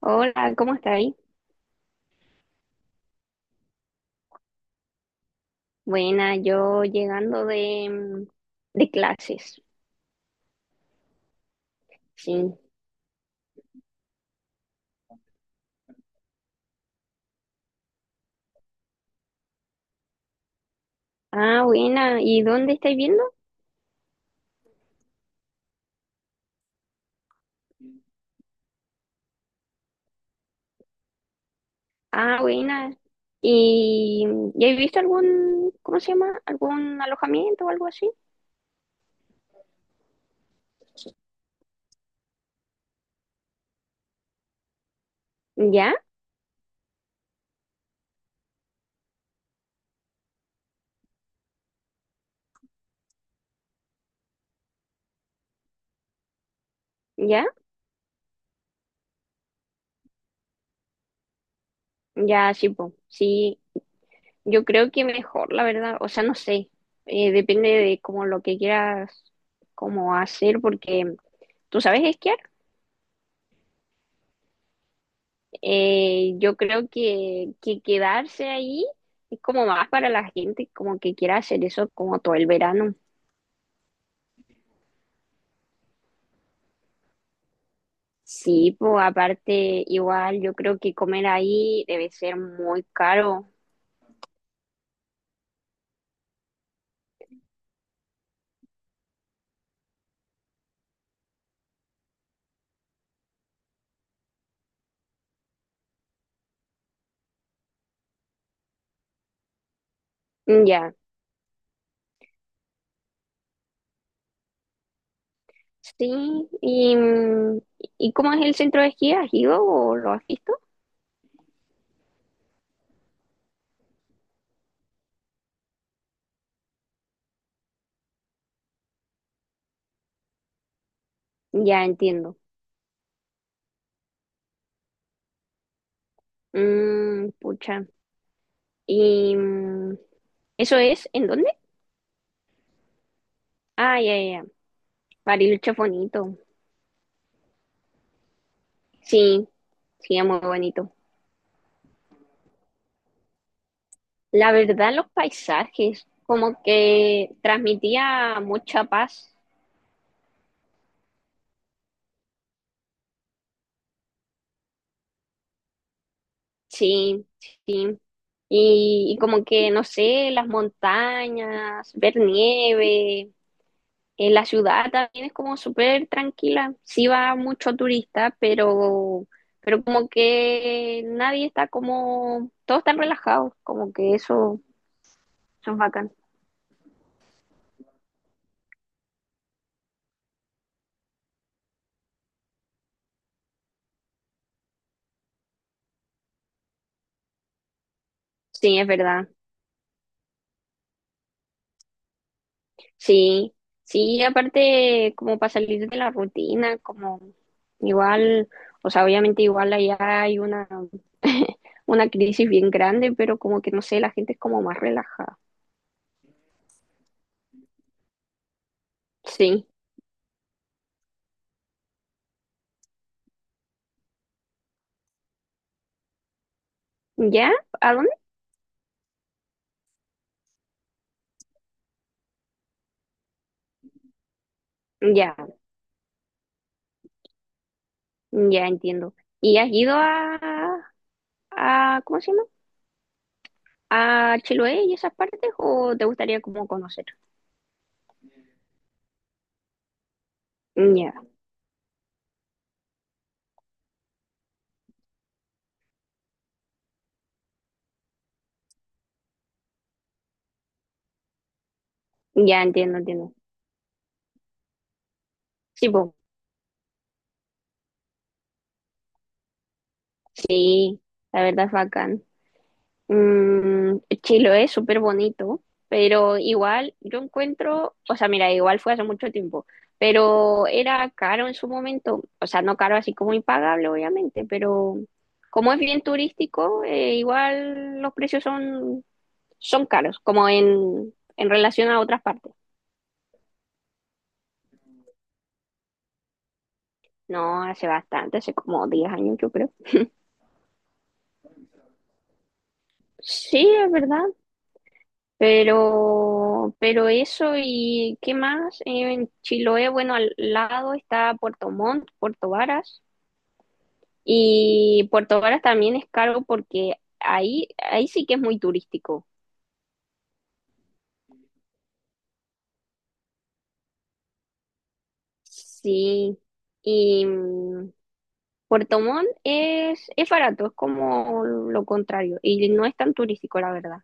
Hola, ¿cómo estáis? Buena, yo llegando de, de clases, sí. Ah, buena, ¿y dónde estáis viendo? Ah, buena. ¿Y ya has visto algún, cómo se llama? ¿Algún alojamiento o algo así? ¿Ya? ¿Ya? Ya, sí, po. Sí, yo creo que mejor, la verdad. O sea, no sé, depende de como lo que quieras como hacer, porque, ¿tú sabes esquiar? Yo creo que quedarse ahí es como más para la gente como que quiera hacer eso como todo el verano. Sí, pues aparte igual yo creo que comer ahí debe ser muy caro. Mm, ya, sí. ¿Y, y cómo es el centro de esquí? ¿Has ido o lo has visto? Ya entiendo. Mm, pucha. ¿Y eso es en dónde? Ah, ya, ya, ya. Bariloche es bonito. Sí, sí, es muy bonito. La verdad, los paisajes, como que transmitía mucha paz, sí, sí. Y como que, no sé, las montañas, ver nieve, en la ciudad también es como súper tranquila. Sí va mucho turista, pero como que nadie está como, todos están relajados, como que eso es bacán. Sí, es verdad. Sí, sí, aparte como para salir de la rutina, como igual, o sea, obviamente igual allá hay una, una crisis bien grande, pero como que no sé, la gente es como más relajada. Sí. ¿Ya? ¿A dónde? Ya, ya entiendo. ¿Y has ido a, ¿cómo se llama? ¿A Chiloé y esas partes o te gustaría como conocer? Ya, ya entiendo, entiendo. Sí, pues, sí, la verdad es bacán. Mm, Chiloé es súper bonito, pero igual yo encuentro, o sea, mira, igual fue hace mucho tiempo, pero era caro en su momento, o sea, no caro así como impagable, obviamente, pero como es bien turístico, igual los precios son, son caros, como en relación a otras partes. No, hace bastante, hace como 10 años yo creo. Sí, es verdad. Pero eso y qué más. En Chiloé, bueno, al lado está Puerto Montt, Puerto Varas, y Puerto Varas también es caro porque ahí, ahí sí que es muy turístico. Sí, y Puerto Montt es barato, es como lo contrario, y no es tan turístico, la verdad.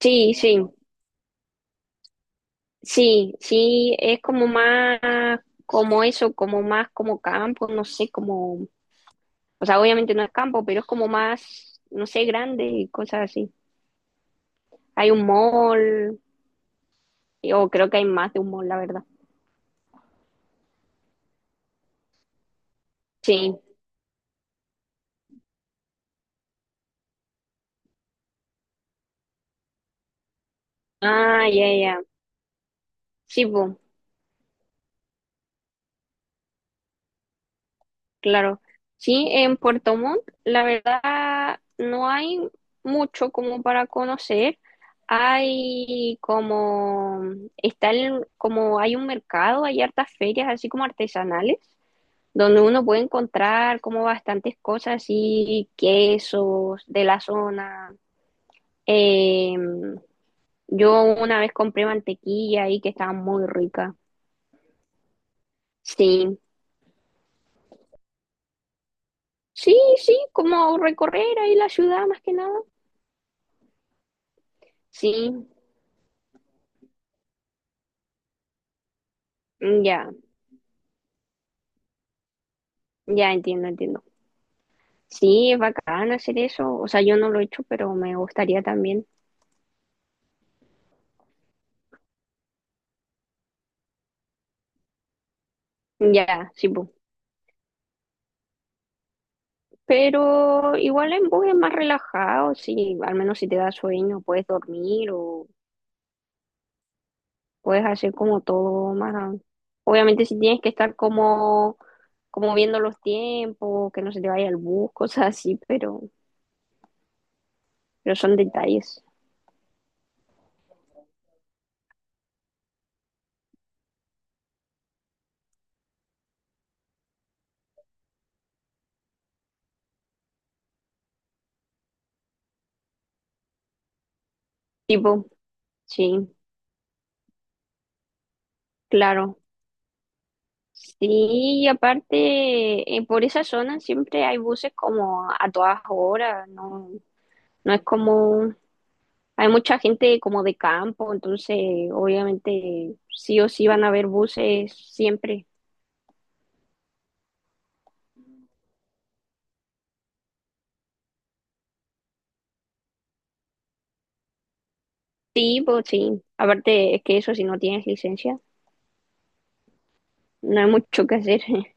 Sí, sí, sí, sí, es como más, como eso, como más como campo, no sé, como o sea, obviamente no es campo, pero es como más, no sé, grande y cosas así. Hay un mall, o creo que hay más de un mall, la verdad. Sí. Ah, ya, ya. Sí, pues, claro. Sí, en Puerto Montt, la verdad, no hay mucho como para conocer. Hay como, está como, hay un mercado, hay hartas ferias así como artesanales, donde uno puede encontrar como bastantes cosas así, quesos de la zona. Eh, yo una vez compré mantequilla ahí que estaba muy rica. Sí, sí, sí, como recorrer ahí la ciudad más que nada. Sí, ya, ya entiendo, entiendo. Sí, es bacán hacer eso. O sea, yo no lo he hecho, pero me gustaría también. Ya, sí, po. Pero igual en bus es más relajado, sí, al menos si te da sueño, puedes dormir o puedes hacer como todo más. Obviamente si tienes que estar como como viendo los tiempos, que no se te vaya el bus, cosas así, pero son detalles. Tipo, sí, claro. Sí, y aparte, por esa zona siempre hay buses como a todas horas, no, no es como, hay mucha gente como de campo, entonces obviamente sí o sí van a haber buses siempre. Sí, pues sí, aparte es que eso si no tienes licencia, no hay mucho que hacer.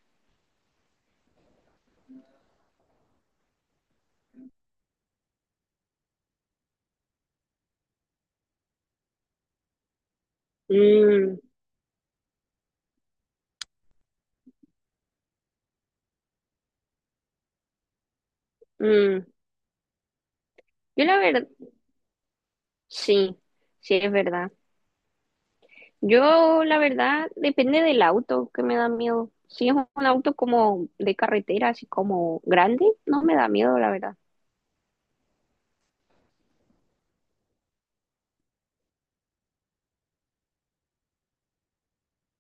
Mm, mm. Yo la verdad sí, sí, es verdad. Yo, la verdad, depende del auto que me da miedo. Si es un auto como de carretera, así como grande, no me da miedo, la verdad.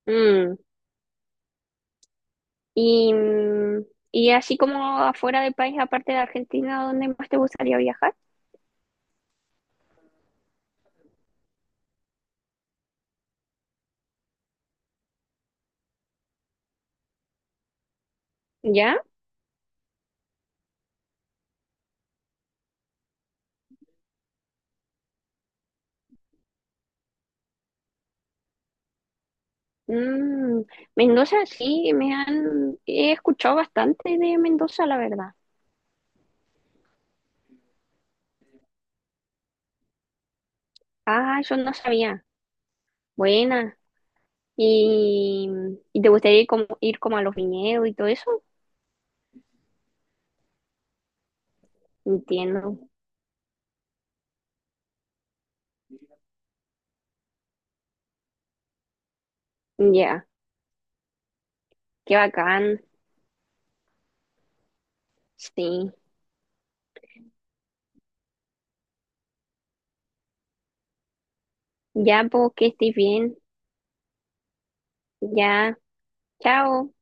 Mm, y, y así como afuera del país, aparte de Argentina, ¿dónde más te gustaría viajar? ¿Ya? Mm, Mendoza, sí, me han, he escuchado bastante de Mendoza, la verdad. Ah, eso no sabía. Buena. ¿Y, y te gustaría ir como a los viñedos y todo eso? Entiendo. Ya, qué bacán, sí. Ya, pues, que estés bien. Ya, chao.